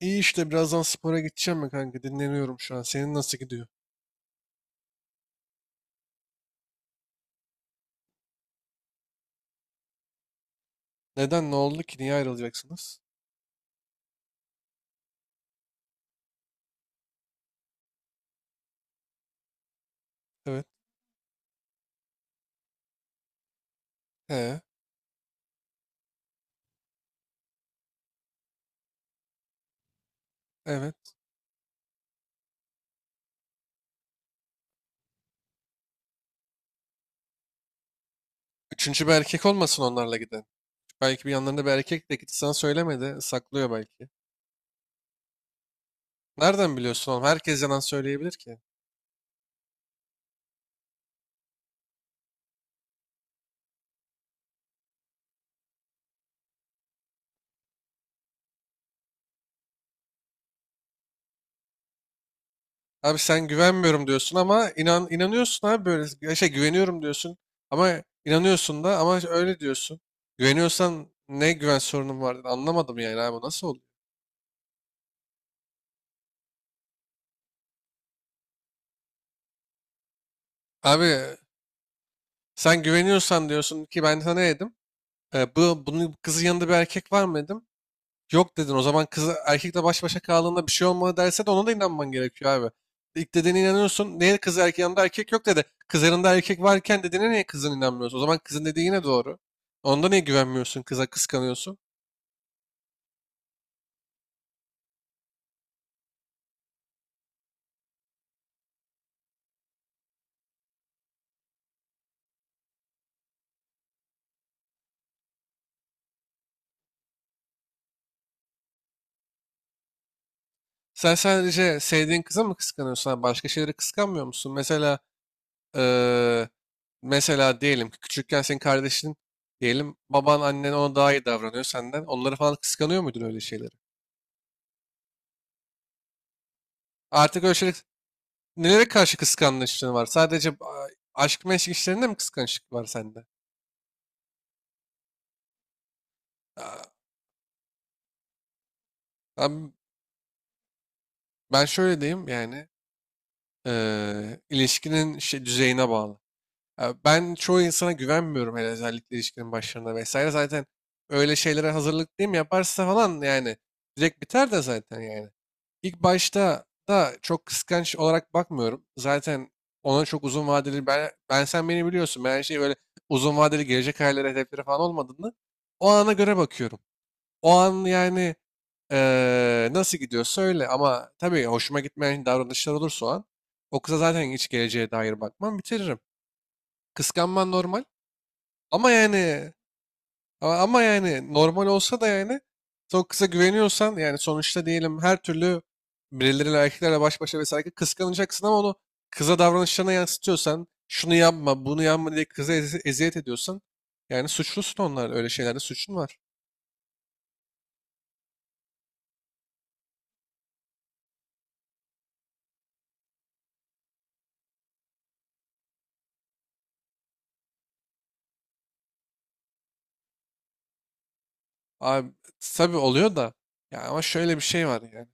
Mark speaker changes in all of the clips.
Speaker 1: İyi işte birazdan spora gideceğim mi kanka? Dinleniyorum şu an. Senin nasıl gidiyor? Neden? Ne oldu ki? Niye ayrılacaksınız? Evet. He. Evet. Üçüncü bir erkek olmasın onlarla giden. Belki bir yanlarında bir erkek de gitti sana söylemedi. Saklıyor belki. Nereden biliyorsun oğlum? Herkes yalan söyleyebilir ki. Abi sen güvenmiyorum diyorsun ama inanıyorsun abi böyle. Ya şey güveniyorum diyorsun ama inanıyorsun da ama öyle diyorsun. Güveniyorsan ne güven sorunun var? Anlamadım yani abi bu nasıl oluyor? Abi sen güveniyorsan diyorsun ki ben sana ne dedim? Bunun kızın yanında bir erkek var mı dedim. Yok dedin. O zaman kız erkekle baş başa kaldığında bir şey olmadı derse de ona da inanman gerekiyor abi. İlk dediğine inanıyorsun. Niye kız erkek yanında erkek yok dedi. Kız yanında erkek varken dediğine niye kızın inanmıyorsun? O zaman kızın dediği yine doğru. Onda niye güvenmiyorsun kıza kıskanıyorsun? Sen sadece sevdiğin kıza mı kıskanıyorsun, abi? Başka şeyleri kıskanmıyor musun? Mesela eee, mesela diyelim ki küçükken senin kardeşin diyelim baban annen ona daha iyi davranıyor senden. Onları falan kıskanıyor muydun öyle şeyleri? Artık öyle şeyleri. Nelere karşı kıskançlığın var? Sadece aşk meşk işlerinde mi kıskançlık var sende? Aa, ben, ben şöyle diyeyim yani. İlişkinin şey, düzeyine bağlı. Ya ben çoğu insana güvenmiyorum hele özellikle ilişkinin başlarında vesaire. Zaten öyle şeylere hazırlık değil mi yaparsa falan yani direkt biter de zaten yani. İlk başta da çok kıskanç olarak bakmıyorum. Zaten ona çok uzun vadeli ben sen beni biliyorsun. Ben her şeyi böyle uzun vadeli gelecek hayalleri hedefleri falan olmadığını o ana göre bakıyorum. O an yani nasıl gidiyorsa öyle ama tabii hoşuma gitmeyen davranışlar olursa o an o kıza zaten hiç geleceğe dair bakmam bitiririm. Kıskanman normal. Ama yani ama yani normal olsa da yani son kıza güveniyorsan yani sonuçta diyelim her türlü birileriyle erkeklerle baş başa vesaire kıskanacaksın ama onu kıza davranışlarına yansıtıyorsan şunu yapma bunu yapma diye kıza eziyet ediyorsan yani suçlusun onlar öyle şeylerde suçun var. Abi tabii oluyor da ya ama şöyle bir şey var yani.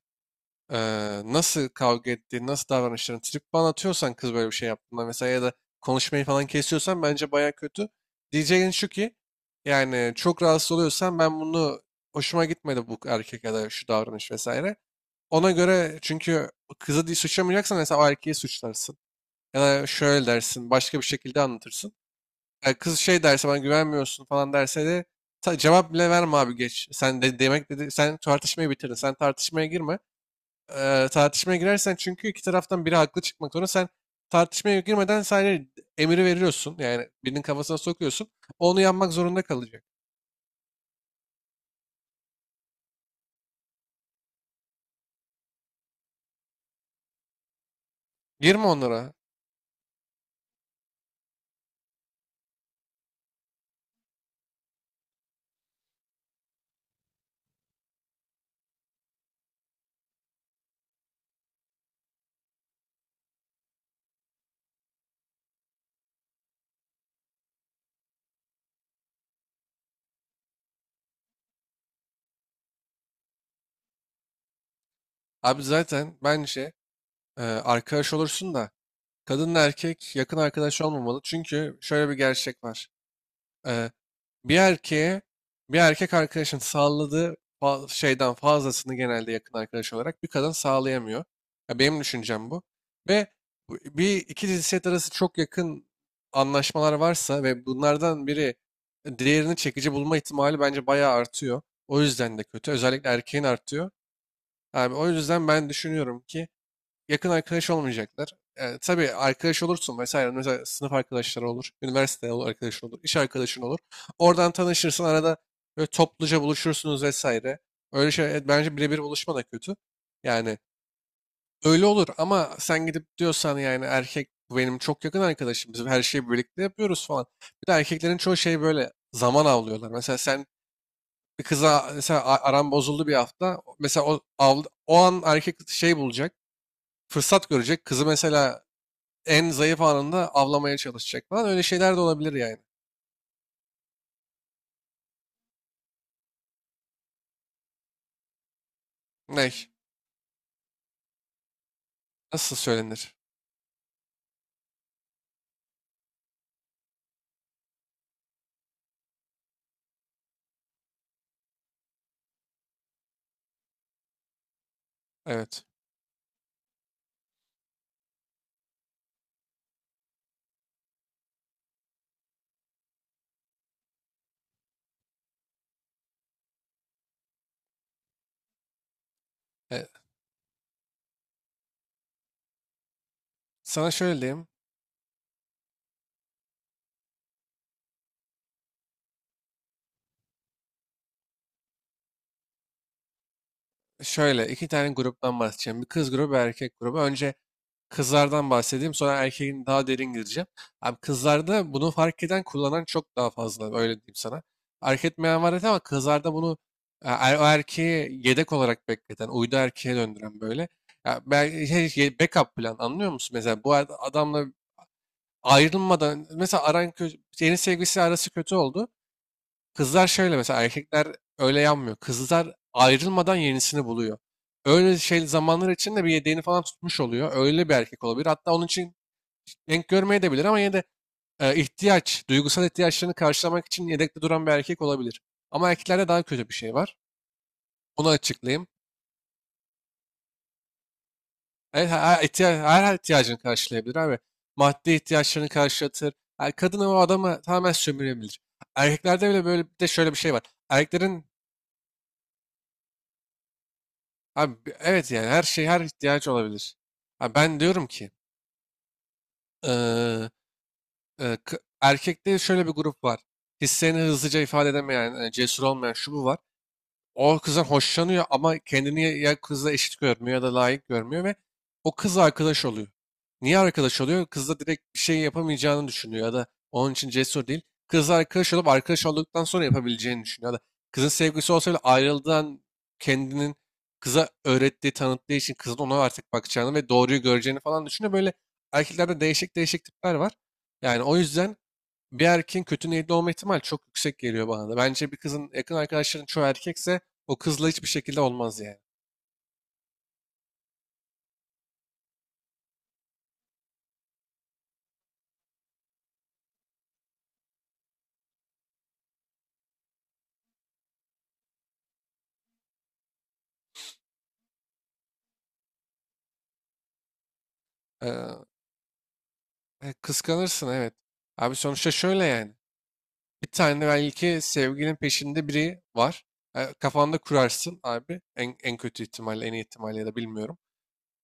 Speaker 1: Nasıl kavga ettiğini, nasıl davranışlarını trip falan atıyorsan kız böyle bir şey yaptığında mesela ya da konuşmayı falan kesiyorsan bence baya kötü. Diyeceğin şu ki yani çok rahatsız oluyorsan ben bunu hoşuma gitmedi bu erkek ya da şu davranış vesaire. Ona göre çünkü kızı diye suçlamayacaksan mesela o erkeği suçlarsın. Ya da şöyle dersin başka bir şekilde anlatırsın. Yani kız şey derse bana güvenmiyorsun falan derse de cevap bile verme abi geç. Sen de demek dedi sen tartışmayı bitirdin. Sen tartışmaya girme tartışmaya girersen çünkü iki taraftan biri haklı çıkmak zorunda. Sen tartışmaya girmeden sadece emiri veriyorsun. Yani birinin kafasına sokuyorsun. Onu yanmak zorunda kalacak. Girme onlara. Abi zaten bence arkadaş olursun da kadınla erkek yakın arkadaş olmamalı. Çünkü şöyle bir gerçek var. E, Bir erkeğe bir erkek arkadaşın sağladığı şeyden fazlasını genelde yakın arkadaş olarak bir kadın sağlayamıyor. Ya benim düşüncem bu. Ve bir iki cinsiyet arası çok yakın anlaşmalar varsa ve bunlardan biri diğerini çekici bulma ihtimali bence bayağı artıyor. O yüzden de kötü. Özellikle erkeğin artıyor. Yani o yüzden ben düşünüyorum ki yakın arkadaş olmayacaklar. E, tabii arkadaş olursun vesaire. Mesela sınıf arkadaşları olur, arkadaşın olur, iş arkadaşın olur. Oradan tanışırsın, arada böyle topluca buluşursunuz vesaire. Öyle şey evet, bence birebir buluşma da kötü. Yani öyle olur ama sen gidip diyorsan yani erkek bu benim çok yakın arkadaşım. Biz her şeyi birlikte yapıyoruz falan. Bir de erkeklerin çoğu şey böyle zaman avlıyorlar. Mesela sen bir kıza mesela aran bozuldu bir hafta. Mesela o an erkek şey bulacak fırsat görecek. Kızı mesela en zayıf anında avlamaya çalışacak falan. Öyle şeyler de olabilir yani. Ne? Nasıl söylenir? Evet. E, sana şöyle diyeyim. Şöyle iki tane gruptan bahsedeceğim. Bir kız grubu, bir erkek grubu. Önce kızlardan bahsedeyim. Sonra erkeğin daha derin gireceğim. Abi kızlarda bunu fark eden, kullanan çok daha fazla. Öyle diyeyim sana. Fark etmeyen var evet ama kızlarda bunu o erkeği yedek olarak bekleten, uydu erkeğe döndüren böyle. Ya belki backup plan anlıyor musun? Mesela bu adamla ayrılmadan mesela yeni sevgilisi arası kötü oldu. Kızlar şöyle mesela erkekler öyle yanmıyor. Kızlar ayrılmadan yenisini buluyor. Öyle şey zamanlar içinde bir yedeğini falan tutmuş oluyor. Öyle bir erkek olabilir. Hatta onun için denk görmeye de bilir ama yine de duygusal ihtiyaçlarını karşılamak için yedekte duran bir erkek olabilir. Ama erkeklerde daha kötü bir şey var. Onu açıklayayım. Evet her ihtiyacını karşılayabilir abi. Maddi ihtiyaçlarını karşılatır. Yani kadın o adamı tamamen sömürebilir. Erkeklerde bile böyle bir de şöyle bir şey var. Erkeklerin abi, evet yani her şey her ihtiyacı olabilir. Ha, ben diyorum ki eee, erkekte şöyle bir grup var. Hislerini hızlıca ifade edemeyen, cesur olmayan şu bu var. O kızdan hoşlanıyor ama kendini ya kızla eşit görmüyor ya da layık görmüyor ve o kız arkadaş oluyor. Niye arkadaş oluyor? Kızla direkt bir şey yapamayacağını düşünüyor ya da onun için cesur değil. Kızla arkadaş olup arkadaş olduktan sonra yapabileceğini düşünüyor. Ya da kızın sevgisi olsa bile ayrıldığın kendinin kıza öğrettiği, tanıttığı için kızın ona artık bakacağını ve doğruyu göreceğini falan düşünüyor. Böyle erkeklerde değişik tipler var. Yani o yüzden bir erkeğin kötü niyetli olma ihtimali çok yüksek geliyor bana da. Bence bir kızın yakın arkadaşların çoğu erkekse o kızla hiçbir şekilde olmaz yani. Ee, kıskanırsın evet. Abi sonuçta şöyle yani. Bir tane belki sevgilin peşinde biri var. Kafanda kurarsın abi. En kötü ihtimalle, en iyi ihtimalle ya da bilmiyorum.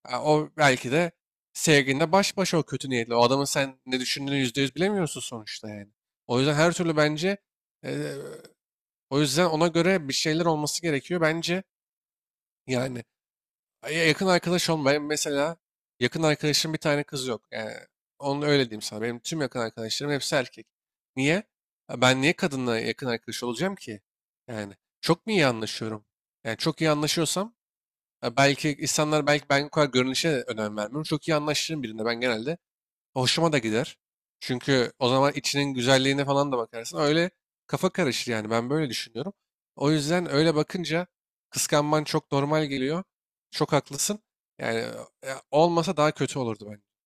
Speaker 1: O belki de sevgilinle baş başa o kötü niyetli. O adamın sen ne düşündüğünü %100 bilemiyorsun sonuçta yani. O yüzden her türlü bence e, o yüzden ona göre bir şeyler olması gerekiyor bence. Yani ay, ya yakın arkadaş olma. Benim mesela yakın arkadaşım bir tane kız yok. Yani onu öyle diyeyim sana. Benim tüm yakın arkadaşlarım hepsi erkek. Niye? Ha, ben niye kadınla yakın arkadaş olacağım ki? Yani çok mu iyi anlaşıyorum? Yani çok iyi anlaşıyorsam ha, belki insanlar belki ben bu kadar görünüşe de önem vermiyorum. Çok iyi anlaşırım birine. Ben genelde hoşuma da gider. Çünkü o zaman içinin güzelliğine falan da bakarsın. Öyle kafa karışır yani ben böyle düşünüyorum. O yüzden öyle bakınca kıskanman çok normal geliyor. Çok haklısın. Yani olmasa daha kötü olurdu bence.